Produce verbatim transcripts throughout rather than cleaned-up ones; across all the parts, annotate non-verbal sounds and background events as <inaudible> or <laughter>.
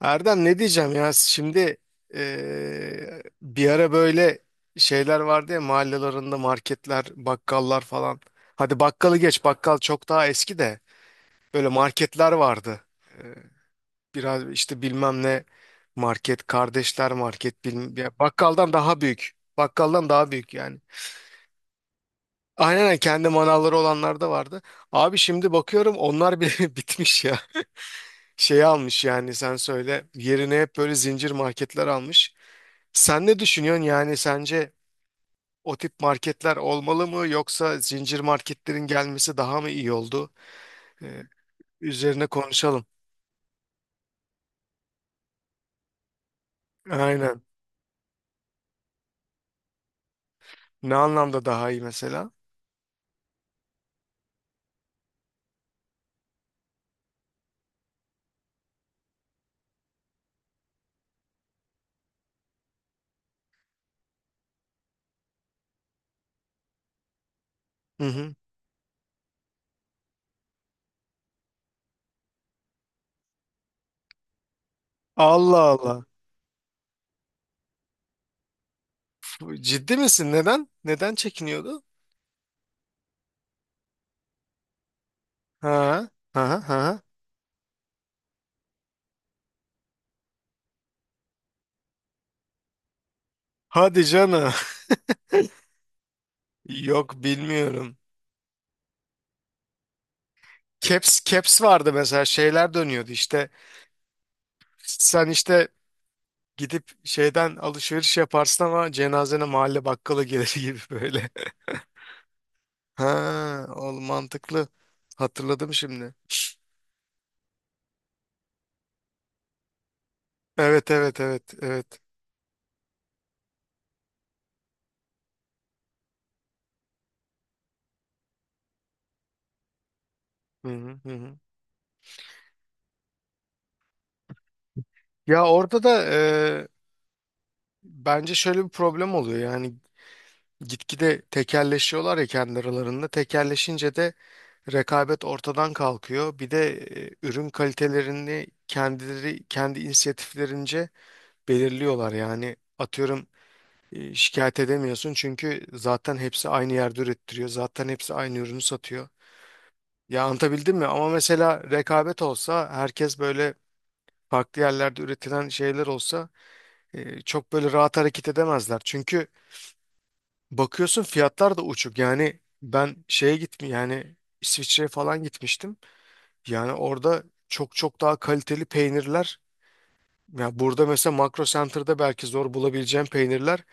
Erdem, ne diyeceğim ya şimdi, eee, bir ara böyle şeyler vardı ya mahallelerinde marketler, bakkallar falan. Hadi bakkalı geç, bakkal çok daha eski, de böyle marketler vardı. Eee, Biraz işte bilmem ne market, kardeşler market bilmem ya, bakkaldan daha büyük. Bakkaldan daha büyük yani. Aynen aynen, kendi manavları olanlar da vardı. Abi şimdi bakıyorum onlar bile <laughs> bitmiş ya. Şey almış, yani sen söyle yerine hep böyle zincir marketler almış. Sen ne düşünüyorsun, yani sence o tip marketler olmalı mı, yoksa zincir marketlerin gelmesi daha mı iyi oldu? Ee, Üzerine konuşalım. Aynen. Ne anlamda daha iyi mesela? Hı hı. Allah Allah. Ciddi misin? Neden? Neden çekiniyordu? Ha, ha, ha. Hadi canım. <laughs> Yok, bilmiyorum. Caps, caps vardı mesela, şeyler dönüyordu işte. Sen işte gidip şeyden alışveriş yaparsın, ama cenazene mahalle bakkala gelir <laughs> gibi böyle. Ha, oğlum mantıklı. Hatırladım şimdi. Evet, evet, evet, evet. Hı hı, hı hı. Ya orada da e, bence şöyle bir problem oluyor. Yani gitgide tekelleşiyorlar ya kendi aralarında. Tekelleşince de rekabet ortadan kalkıyor. Bir de e, ürün kalitelerini kendileri kendi inisiyatiflerince belirliyorlar. Yani atıyorum, e, şikayet edemiyorsun çünkü zaten hepsi aynı yerde ürettiriyor. Zaten hepsi aynı ürünü satıyor. Ya, anlatabildim mi? Ama mesela rekabet olsa, herkes böyle farklı yerlerde üretilen şeyler olsa, e, çok böyle rahat hareket edemezler. Çünkü bakıyorsun fiyatlar da uçuk. Yani ben şeye gittim, yani İsviçre'ye falan gitmiştim. Yani orada çok çok daha kaliteli peynirler. Ya burada mesela Makro Center'da belki zor bulabileceğim peynirler.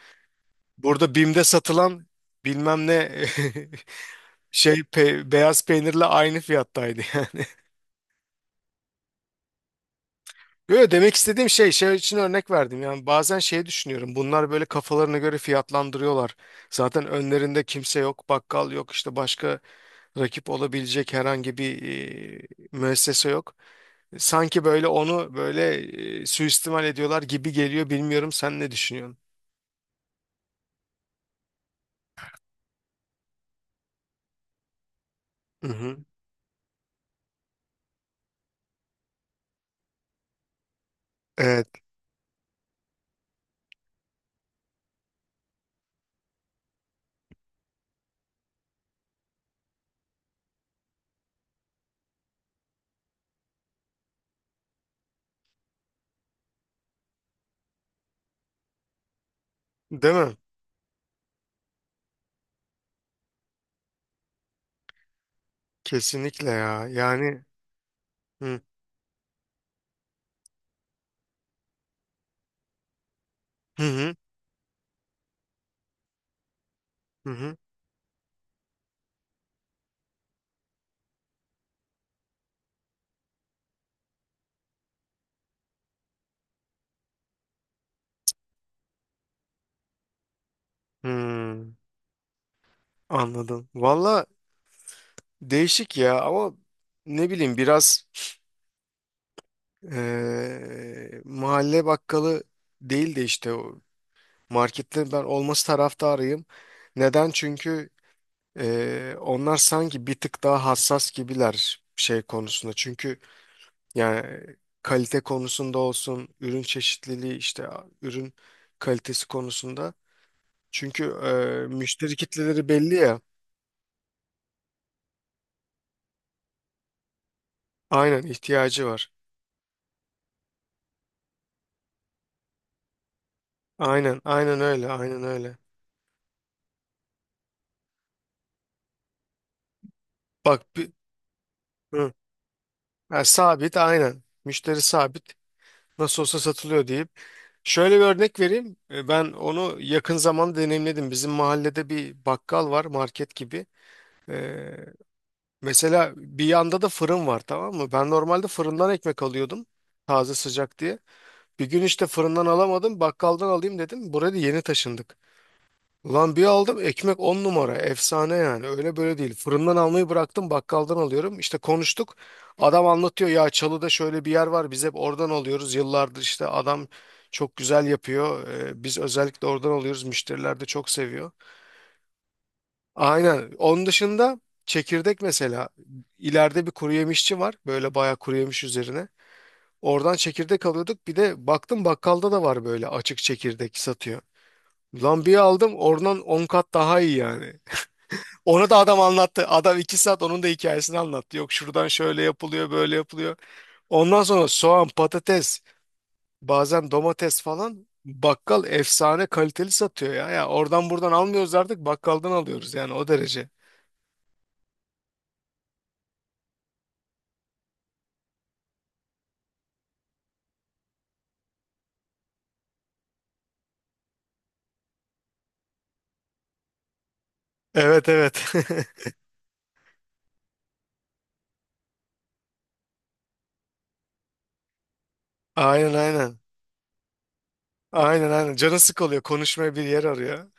Burada BİM'de satılan bilmem ne <laughs> şey pe- beyaz peynirle aynı fiyattaydı <laughs> yani. Yo, demek istediğim şey, şey için örnek verdim. Yani bazen şey düşünüyorum. Bunlar böyle kafalarına göre fiyatlandırıyorlar. Zaten önlerinde kimse yok, bakkal yok, işte başka rakip olabilecek herhangi bir e, müessese yok. Sanki böyle onu böyle e, suistimal ediyorlar gibi geliyor. Bilmiyorum, sen ne düşünüyorsun? Hı hı. Evet, değil mi? Kesinlikle ya. Yani hı hı, hı hı. Hı. Hmm, anladım. Valla değişik ya, ama ne bileyim, biraz Eee, mahalle bakkalı değil de işte o marketlerin ben olması taraftarıyım. Neden? Çünkü eee, onlar sanki bir tık daha hassas gibiler şey konusunda. Çünkü yani kalite konusunda olsun, ürün çeşitliliği işte, ürün kalitesi konusunda. Çünkü eee, müşteri kitleleri belli ya. Aynen, ihtiyacı var. Aynen, aynen öyle, aynen öyle. Bak bir, hı, ha, sabit aynen. Müşteri sabit. Nasıl olsa satılıyor deyip. Şöyle bir örnek vereyim. E, ben onu yakın zamanda deneyimledim. Bizim mahallede bir bakkal var, market gibi. E, Mesela bir yanda da fırın var, tamam mı? Ben normalde fırından ekmek alıyordum. Taze sıcak diye. Bir gün işte fırından alamadım, bakkaldan alayım dedim. Buraya da yeni taşındık. Ulan, bir aldım ekmek, on numara efsane, yani öyle böyle değil. Fırından almayı bıraktım, bakkaldan alıyorum. İşte konuştuk, adam anlatıyor ya, Çalı'da şöyle bir yer var, biz hep oradan alıyoruz. Yıllardır işte adam çok güzel yapıyor. Ee, biz özellikle oradan alıyoruz, müşteriler de çok seviyor. Aynen, onun dışında çekirdek mesela, ileride bir kuru yemişçi var böyle, bayağı kuru yemiş üzerine. Oradan çekirdek alıyorduk, bir de baktım bakkalda da var, böyle açık çekirdek satıyor. Lan, bir aldım oradan, on kat daha iyi yani. Onu da adam anlattı. Adam iki saat onun da hikayesini anlattı. Yok şuradan şöyle yapılıyor, böyle yapılıyor. Ondan sonra soğan, patates, bazen domates falan, bakkal efsane kaliteli satıyor ya. Ya oradan buradan almıyoruz artık, bakkaldan alıyoruz yani, o derece. Evet evet. <laughs> Aynen aynen. Aynen aynen. Canı sıkılıyor. Konuşmaya bir yer arıyor.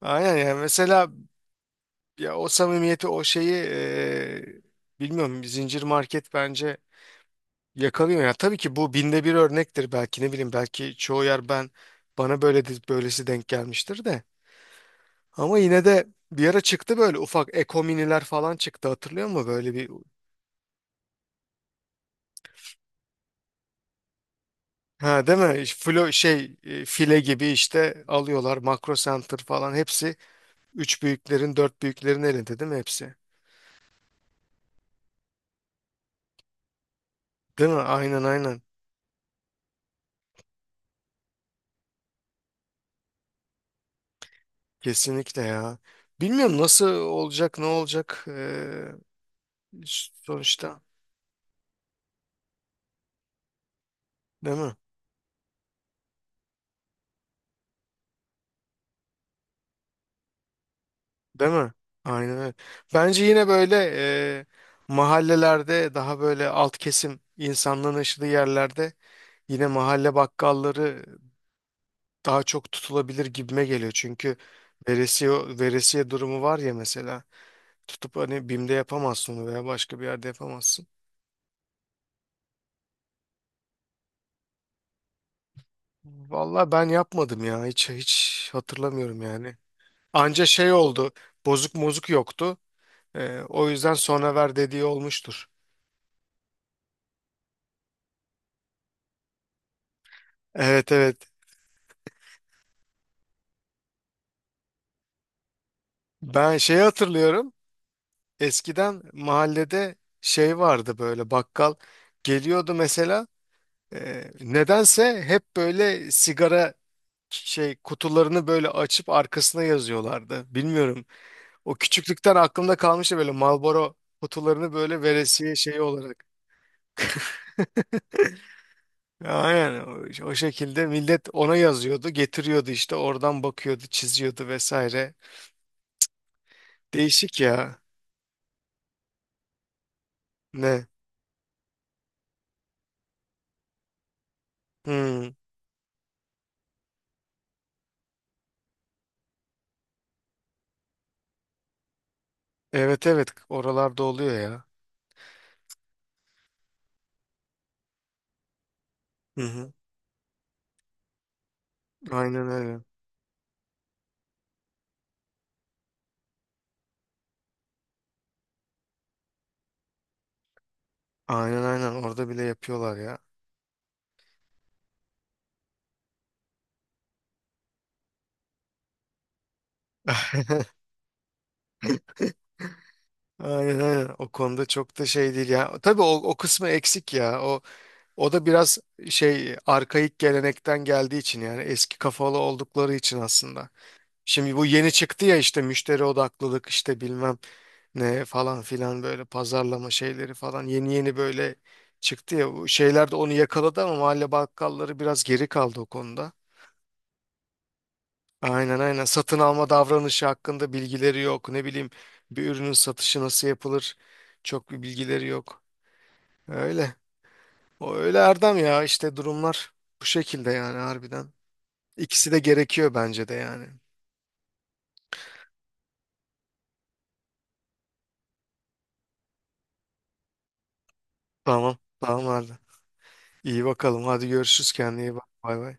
Aynen, yani mesela ya o samimiyeti, o şeyi, eee, bilmiyorum, zincir market bence yakalıyor ya. Tabii ki bu binde bir örnektir, belki ne bileyim, belki çoğu yer, ben bana böyle de- böylesi denk gelmiştir de. Ama yine de bir ara çıktı böyle, ufak ekominiler falan çıktı, hatırlıyor musun böyle bir, ha değil mi? Flo şey e, file gibi işte alıyorlar, makro center falan hepsi üç büyüklerin, dört büyüklerin elinde değil mi hepsi? Değil mi? Aynen aynen. Kesinlikle ya. Bilmiyorum nasıl olacak, ne olacak, e, sonuçta değil mi? Değil mi? Aynen öyle. Bence yine böyle e, mahallelerde, daha böyle alt kesim insanlığın yaşadığı yerlerde, yine mahalle bakkalları daha çok tutulabilir gibime geliyor. Çünkü veresiye, veresiye durumu var ya mesela. Tutup hani B İ M'de yapamazsın onu, veya başka bir yerde yapamazsın. Vallahi ben yapmadım ya. Hiç hiç hatırlamıyorum yani. Anca şey oldu. Bozuk mozuk yoktu. E, o yüzden sonra ver dediği olmuştur. Evet evet. Ben şeyi hatırlıyorum. Eskiden mahallede şey vardı böyle, bakkal geliyordu mesela, e, nedense hep böyle sigara şey kutularını böyle açıp arkasına yazıyorlardı. Bilmiyorum. O küçüklükten aklımda kalmıştı böyle Marlboro kutularını böyle, veresiye şeyi olarak. Aynen, o, o şekilde millet ona yazıyordu, getiriyordu, işte oradan bakıyordu, çiziyordu vesaire. Değişik ya. Ne? Hmm. Evet evet, oralarda oluyor ya. Hı hı. Aynen öyle. Aynen aynen, orada bile yapıyorlar ya. <laughs> Aynen aynen, o konuda çok da şey değil ya. Tabii o, o kısmı eksik ya. O, o da biraz şey, arkaik gelenekten geldiği için, yani eski kafalı oldukları için aslında. Şimdi bu yeni çıktı ya, işte müşteri odaklılık, işte bilmem ne falan filan, böyle pazarlama şeyleri falan yeni yeni böyle çıktı ya. Bu şeyler de onu yakaladı, ama mahalle bakkalları biraz geri kaldı o konuda. Aynen aynen. Satın alma davranışı hakkında bilgileri yok. Ne bileyim, bir ürünün satışı nasıl yapılır? Çok bir bilgileri yok. Öyle. O öyle Erdem ya, işte durumlar bu şekilde yani, harbiden. İkisi de gerekiyor bence de yani. Tamam. Tamam Erdem. İyi bakalım. Hadi görüşürüz. Kendine iyi bak. Bay bay.